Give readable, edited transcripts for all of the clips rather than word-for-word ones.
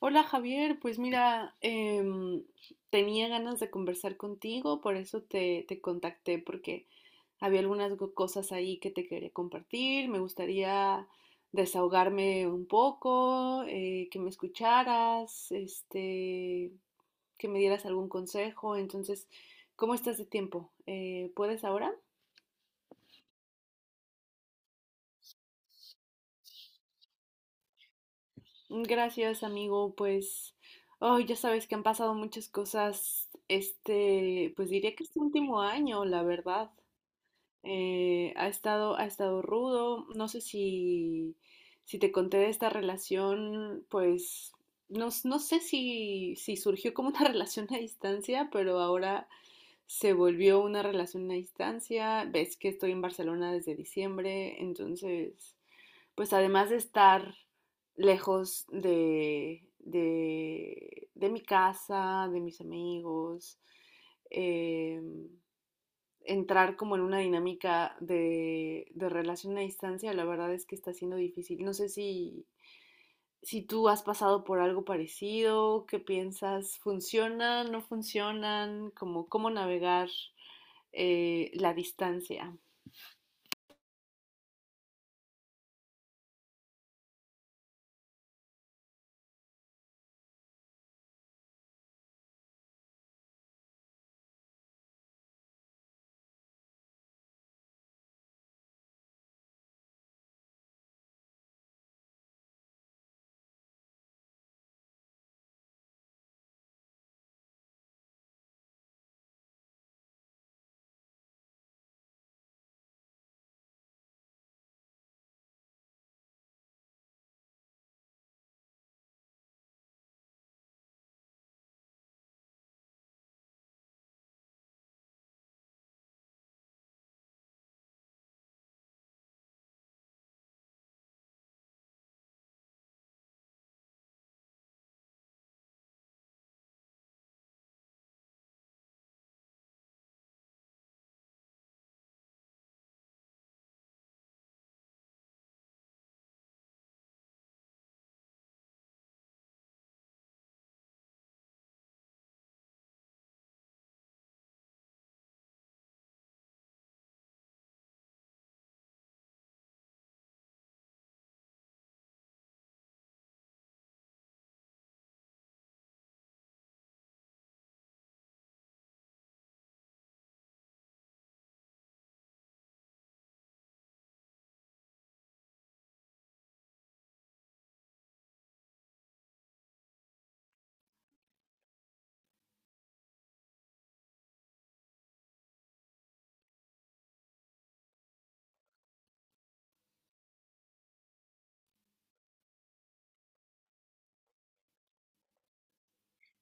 Hola Javier, pues mira, tenía ganas de conversar contigo, por eso te contacté, porque había algunas cosas ahí que te quería compartir, me gustaría desahogarme un poco, que me escucharas, que me dieras algún consejo, entonces, ¿cómo estás de tiempo? ¿Puedes ahora? Gracias, amigo. Pues, oh, ya sabes que han pasado muchas cosas este, pues diría que este último año, la verdad. Ha estado rudo. No sé si te conté de esta relación, pues, no, no sé si surgió como una relación a distancia, pero ahora se volvió una relación a distancia. Ves que estoy en Barcelona desde diciembre, entonces pues además de estar lejos de mi casa, de mis amigos, eh, entrar como en una dinámica de relación a distancia, la verdad es que está siendo difícil. No sé si, si tú has pasado por algo parecido, qué piensas, funcionan, no funcionan, como cómo navegar la distancia.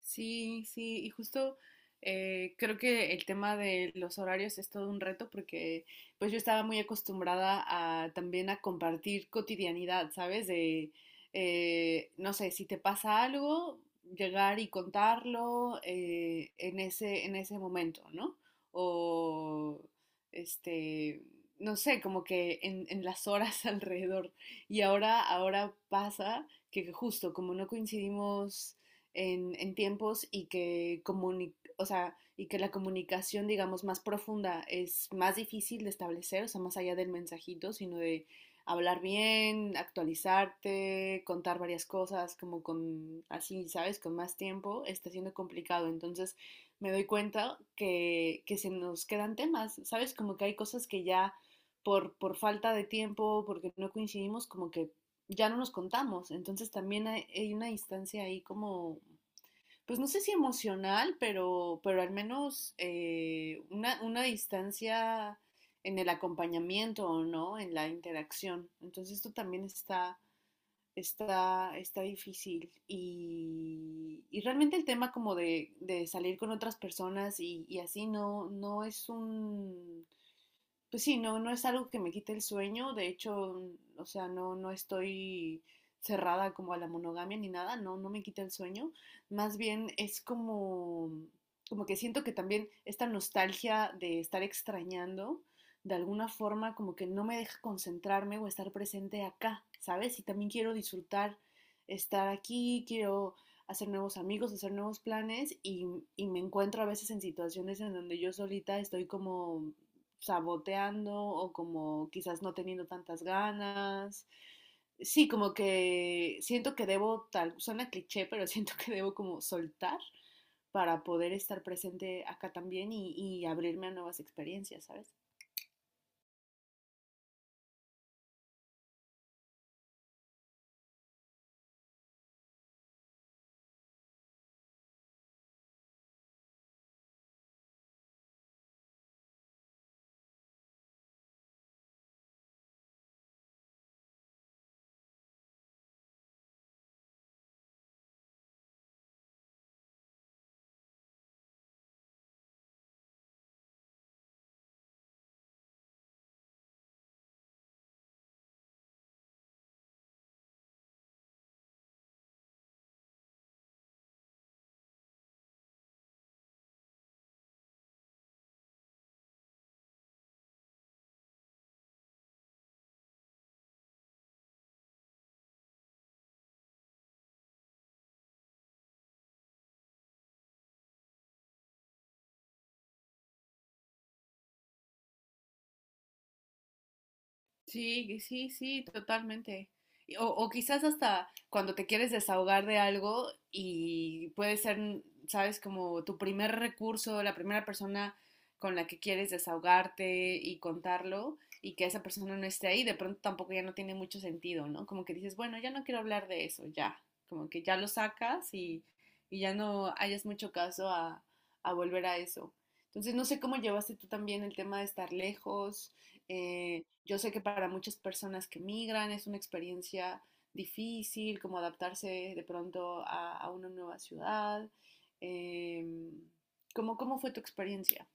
Sí, sí, y justo creo que el tema de los horarios es todo un reto porque pues yo estaba muy acostumbrada a también a compartir cotidianidad, ¿sabes? De, no sé, si te pasa algo, llegar y contarlo en ese momento, ¿no? O, este, no sé, como que en las horas alrededor. Y ahora pasa que justo como no coincidimos en tiempos y que, comuni o sea, y que la comunicación, digamos, más profunda es más difícil de establecer, o sea, más allá del mensajito, sino de hablar bien, actualizarte, contar varias cosas, como con, así, ¿sabes? Con más tiempo, está siendo complicado. Entonces, me doy cuenta que se nos quedan temas, ¿sabes? Como que hay cosas que ya por falta de tiempo, porque no coincidimos, como que ya no nos contamos. Entonces, también hay una distancia ahí como pues no sé si emocional, pero al menos una distancia en el acompañamiento o no, en la interacción. Entonces esto también está difícil. Y realmente el tema como de salir con otras personas y así no, no es un pues sí, no, no es algo que me quite el sueño, de hecho, o sea, no, no estoy cerrada como a la monogamia ni nada, no, no me quita el sueño, más bien es como, como que siento que también esta nostalgia de estar extrañando, de alguna forma como que no me deja concentrarme o estar presente acá, ¿sabes? Y también quiero disfrutar estar aquí, quiero hacer nuevos amigos, hacer nuevos planes y me encuentro a veces en situaciones en donde yo solita estoy como saboteando o como quizás no teniendo tantas ganas. Sí, como que siento que debo, tal, suena cliché, pero siento que debo como soltar para poder estar presente acá también y abrirme a nuevas experiencias, ¿sabes? Sí, sí, sí, totalmente. Y- O, o quizás hasta cuando te quieres desahogar de algo y puede ser, mm, sabes, como tu primer recurso, la primera persona con la que quieres desahogarte y contarlo y que esa persona no esté ahí, de pronto tampoco ya no tiene mucho sentido, ¿no? Como que dices, bueno, ya no quiero hablar de eso, ya, como que ya lo sacas y ya no hayas mucho caso a volver a eso. Entonces, no sé cómo llevaste tú también el tema de estar lejos yo sé que para muchas personas que migran es una experiencia difícil, como adaptarse de pronto a una nueva ciudad. Eh, ¿Cómo fue tu experiencia?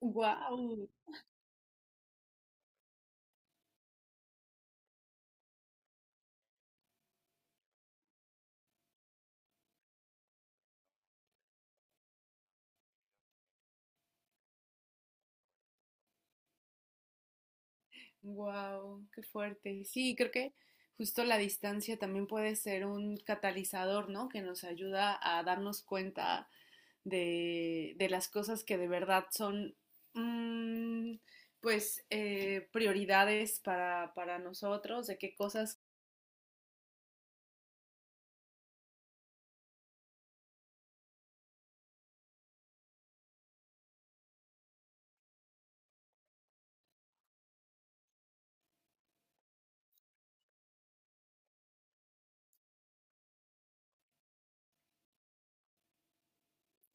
Wow, Wow, qué fuerte. Sí, creo que justo la distancia también puede ser un catalizador, ¿no? Que nos ayuda a darnos cuenta de las cosas que de verdad son, mm, pues, prioridades para nosotros, de qué cosas.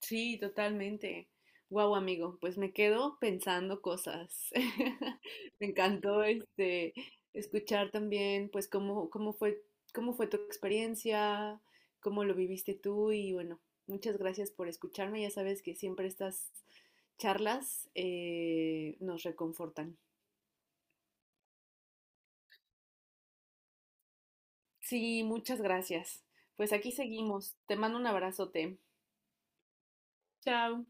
Sí, totalmente. Guau, amigo, pues me quedo pensando cosas. Me encantó este escuchar también pues cómo fue tu experiencia, cómo lo viviste tú y bueno, muchas gracias por escucharme. Ya sabes que siempre estas charlas nos reconfortan. Sí, muchas gracias. Pues aquí seguimos. Te mando un abrazote. Chao.